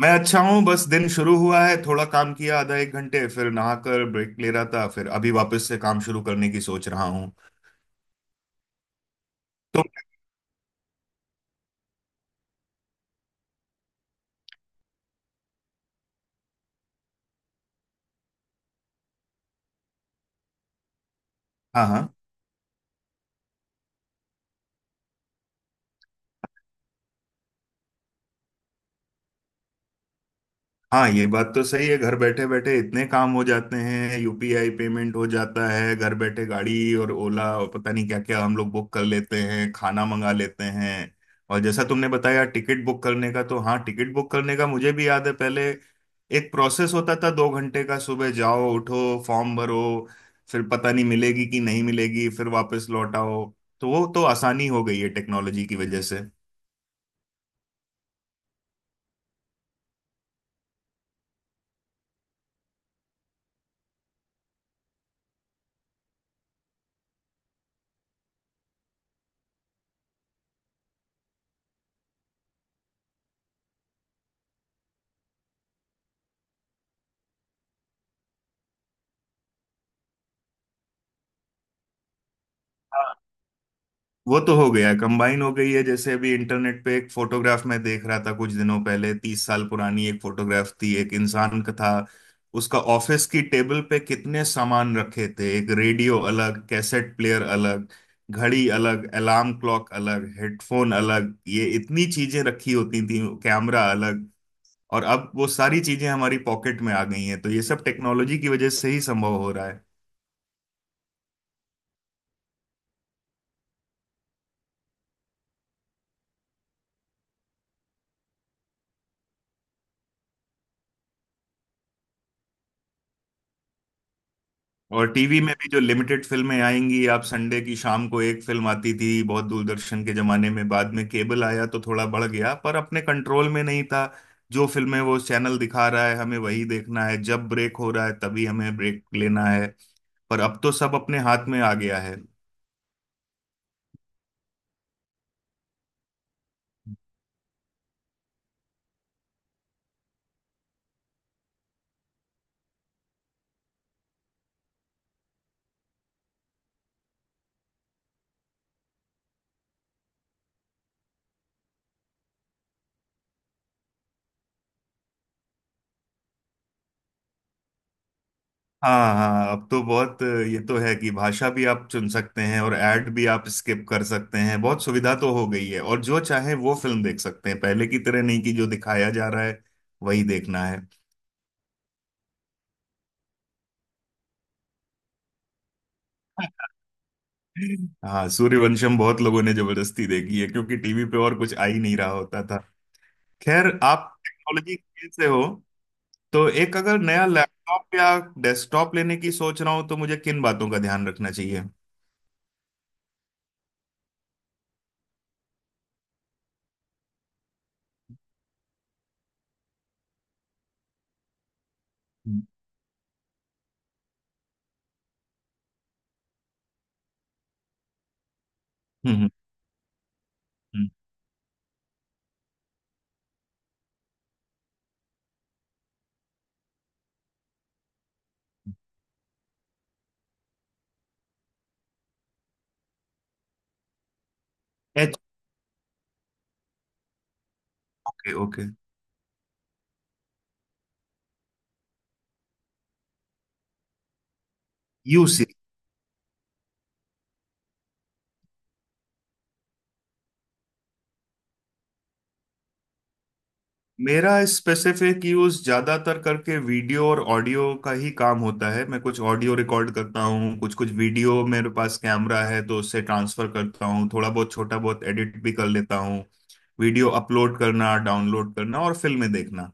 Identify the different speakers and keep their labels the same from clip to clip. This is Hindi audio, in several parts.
Speaker 1: मैं अच्छा हूँ। बस दिन शुरू हुआ है, थोड़ा काम किया आधा एक घंटे, फिर नहाकर ब्रेक ले रहा था, फिर अभी वापस से काम शुरू करने की सोच रहा हूँ। तुम? हाँ, हाँ। हाँ, ये बात तो सही है। घर बैठे बैठे इतने काम हो जाते हैं, यूपीआई पेमेंट हो जाता है, घर बैठे गाड़ी और ओला और पता नहीं क्या क्या हम लोग बुक कर लेते हैं, खाना मंगा लेते हैं। और जैसा तुमने बताया टिकट बुक करने का, तो हाँ, टिकट बुक करने का मुझे भी याद है। पहले एक प्रोसेस होता था दो घंटे का, सुबह जाओ, उठो, फॉर्म भरो, फिर पता नहीं मिलेगी कि नहीं मिलेगी, फिर वापस लौट आओ। तो वो तो आसानी हो गई है टेक्नोलॉजी की वजह से। वो तो हो गया, कंबाइन हो गई है। जैसे अभी इंटरनेट पे एक फोटोग्राफ मैं देख रहा था कुछ दिनों पहले, 30 साल पुरानी एक फोटोग्राफ थी, एक इंसान का था। उसका ऑफिस की टेबल पे कितने सामान रखे थे, एक रेडियो अलग, कैसेट प्लेयर अलग, घड़ी अलग, अलार्म क्लॉक अलग, हेडफोन अलग, ये इतनी चीजें रखी होती थी, कैमरा अलग। और अब वो सारी चीजें हमारी पॉकेट में आ गई हैं, तो ये सब टेक्नोलॉजी की वजह से ही संभव हो रहा है। और टीवी में भी जो लिमिटेड फिल्में आएंगी, आप संडे की शाम को एक फिल्म आती थी बहुत, दूरदर्शन के जमाने में। बाद में केबल आया तो थोड़ा बढ़ गया, पर अपने कंट्रोल में नहीं था। जो फिल्में वो चैनल दिखा रहा है हमें वही देखना है, जब ब्रेक हो रहा है तभी हमें ब्रेक लेना है। पर अब तो सब अपने हाथ में आ गया है। हाँ, हाँ, अब तो बहुत। ये तो है कि भाषा भी आप चुन सकते हैं और एड भी आप स्किप कर सकते हैं, बहुत सुविधा तो हो गई है, और जो चाहे वो फिल्म देख सकते हैं, पहले की तरह नहीं कि जो दिखाया जा रहा है वही देखना है। हाँ, सूर्यवंशम बहुत लोगों ने जबरदस्ती देखी है क्योंकि टीवी पे और कुछ आ ही नहीं रहा होता था। खैर, आप टेक्नोलॉजी से हो तो एक अगर नया लैपटॉप या डेस्कटॉप लेने की सोच रहा हूँ तो मुझे किन बातों का ध्यान रखना चाहिए? हम्म। हम्म। एच? Okay, okay. मेरा स्पेसिफिक यूज ज्यादातर करके वीडियो और ऑडियो का ही काम होता है। मैं कुछ ऑडियो रिकॉर्ड करता हूँ, कुछ कुछ वीडियो, मेरे पास कैमरा है तो उससे ट्रांसफर करता हूँ, थोड़ा बहुत छोटा बहुत एडिट भी कर लेता हूँ, वीडियो अपलोड करना, डाउनलोड करना और फिल्में देखना।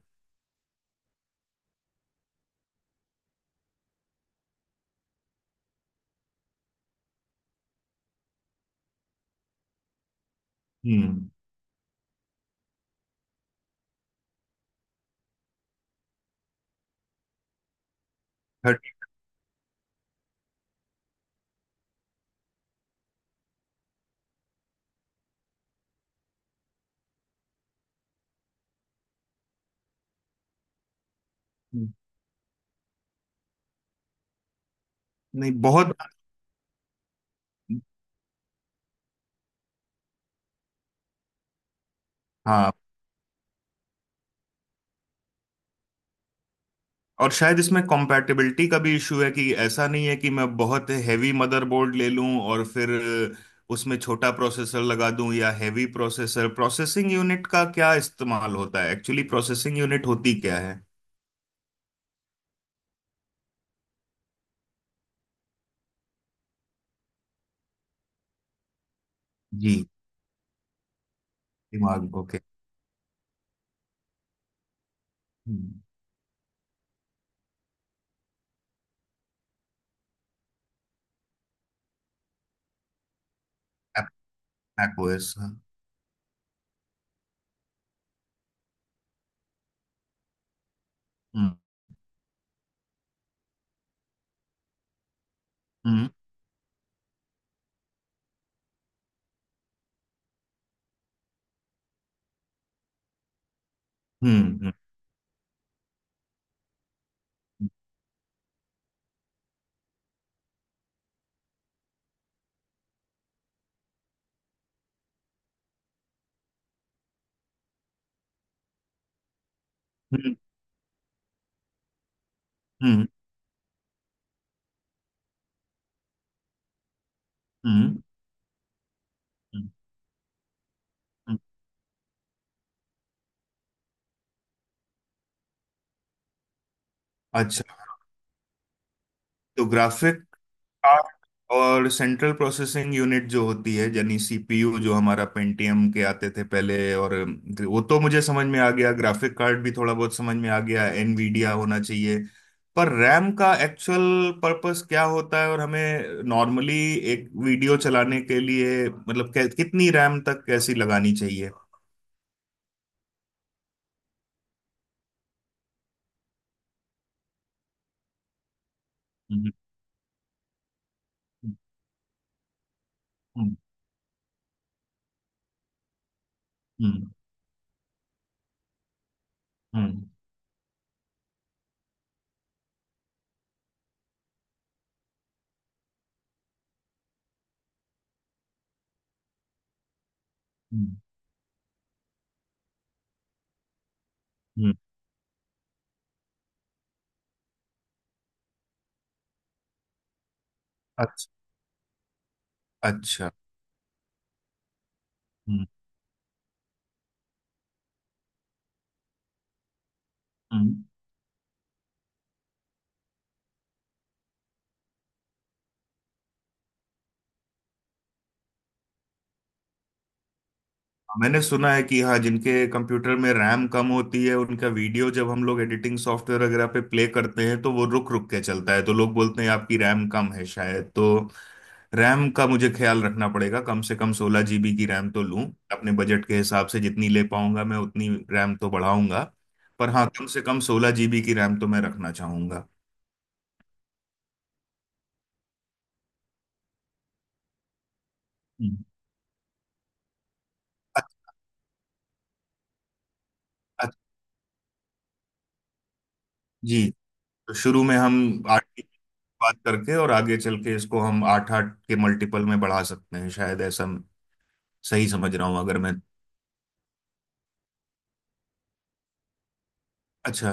Speaker 1: हम्म। थर्टी? नहीं, बहुत। हाँ। और शायद इसमें कॉम्पैटिबिलिटी का भी इशू है कि ऐसा नहीं है कि मैं बहुत हैवी मदरबोर्ड ले लूं और फिर उसमें छोटा प्रोसेसर लगा दूं, या हैवी प्रोसेसर। प्रोसेसिंग यूनिट का क्या इस्तेमाल होता है? एक्चुअली प्रोसेसिंग यूनिट होती क्या है? जी। दिमाग, ओके। macOS, हाँ। हम्म। हम्म। हम्म। हम्म। हम्म। हम्म, हम्म, हम्म। अच्छा, तो ग्राफिक कार्ड और सेंट्रल प्रोसेसिंग यूनिट जो होती है, यानी सीपीयू, जो हमारा पेंटियम के आते थे पहले। और वो तो मुझे समझ में आ गया, ग्राफिक कार्ड भी थोड़ा बहुत समझ में आ गया, एनवीडिया होना चाहिए। पर रैम का एक्चुअल पर्पस क्या होता है, और हमें नॉर्मली एक वीडियो चलाने के लिए मतलब कितनी रैम तक कैसी लगानी चाहिए? हम्म। हम्म। हम्म। हम्म। हम्म, हम्म, अच्छा, अच्छा। हम्म। हम्म। मैंने सुना है कि, हाँ, जिनके कंप्यूटर में रैम कम होती है उनका वीडियो जब हम लोग एडिटिंग सॉफ्टवेयर वगैरह पे प्ले करते हैं तो वो रुक रुक के चलता है, तो लोग बोलते हैं आपकी रैम कम है शायद। तो रैम का मुझे ख्याल रखना पड़ेगा, कम से कम 16 जीबी की रैम तो लूं। अपने बजट के हिसाब से जितनी ले पाऊंगा मैं उतनी रैम तो बढ़ाऊंगा। पर हाँ, कम से कम सोलह जीबी की रैम तो मैं रखना चाहूंगा। हम्म। अच्छा, अच्छा, जी। तो शुरू में हम आठ की बात करके और आगे चल के इसको हम आठ आठ के मल्टीपल में बढ़ा सकते हैं शायद, ऐसा सही समझ रहा हूँ अगर मैं? अच्छा,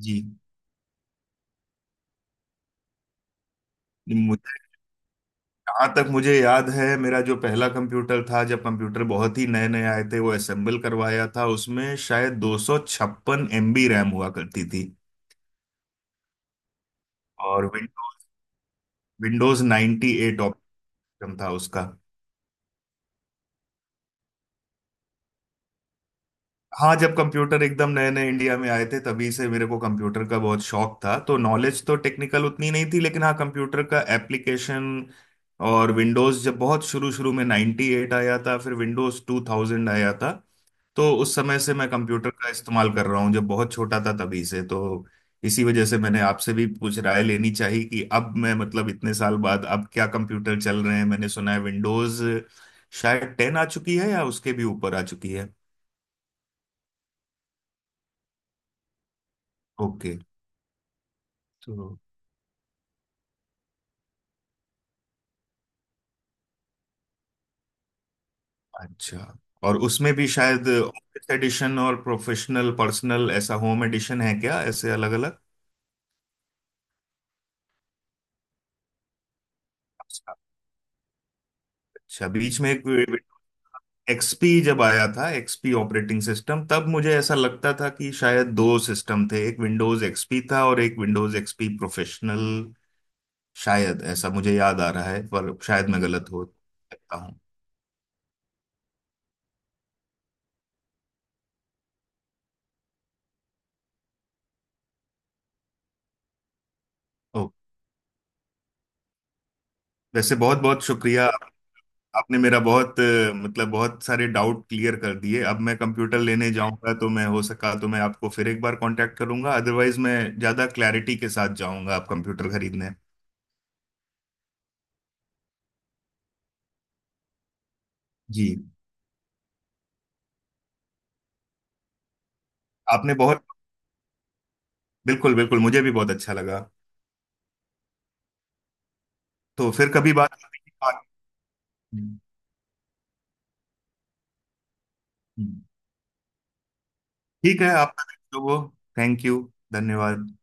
Speaker 1: जी। मुझे जहाँ तक मुझे याद है, मेरा जो पहला कंप्यूटर था जब कंप्यूटर बहुत ही नए नए आए थे, वो असेंबल करवाया था, उसमें शायद 256 एमबी रैम हुआ करती थी। और विंडोज विंडोज 98 ऑपरेटिंग सिस्टम था उसका। हाँ, जब कंप्यूटर एकदम नए नए इंडिया में आए थे तभी से मेरे को कंप्यूटर का बहुत शौक था, तो नॉलेज तो टेक्निकल उतनी नहीं थी, लेकिन हाँ, कंप्यूटर का एप्लीकेशन। और विंडोज जब बहुत शुरू शुरू में 98 आया था, फिर विंडोज 2000 आया था, तो उस समय से मैं कंप्यूटर का इस्तेमाल कर रहा हूँ, जब बहुत छोटा था तभी से। तो इसी वजह से मैंने आपसे भी कुछ राय लेनी चाहिए कि अब मैं मतलब इतने साल बाद अब क्या कंप्यूटर चल रहे हैं। मैंने सुना है विंडोज शायद 10 आ चुकी है या उसके भी ऊपर आ चुकी है। ओके। अच्छा, और उसमें भी शायद ऑफिस एडिशन और प्रोफेशनल पर्सनल, ऐसा होम एडिशन है क्या, ऐसे अलग अलग? अच्छा, अच्छा, बीच में एक एक्सपी जब आया था, एक्सपी ऑपरेटिंग सिस्टम, तब मुझे ऐसा लगता था कि शायद दो सिस्टम थे, एक विंडोज एक्सपी था और एक विंडोज एक्सपी प्रोफेशनल। शायद ऐसा मुझे याद आ रहा है, पर शायद मैं गलत हो सकता हूँ। ओ, वैसे बहुत बहुत शुक्रिया। आपने मेरा मतलब बहुत सारे डाउट क्लियर कर दिए। अब मैं कंप्यूटर लेने जाऊंगा तो मैं, हो सका तो, मैं आपको फिर एक बार कांटेक्ट करूंगा, अदरवाइज मैं ज्यादा क्लैरिटी के साथ जाऊंगा आप कंप्यूटर खरीदने। जी। आपने बहुत बिल्कुल बिल्कुल मुझे भी बहुत अच्छा लगा। तो फिर कभी बात करेंगे। ठीक है, आपका जो वो, थैंक यू, धन्यवाद।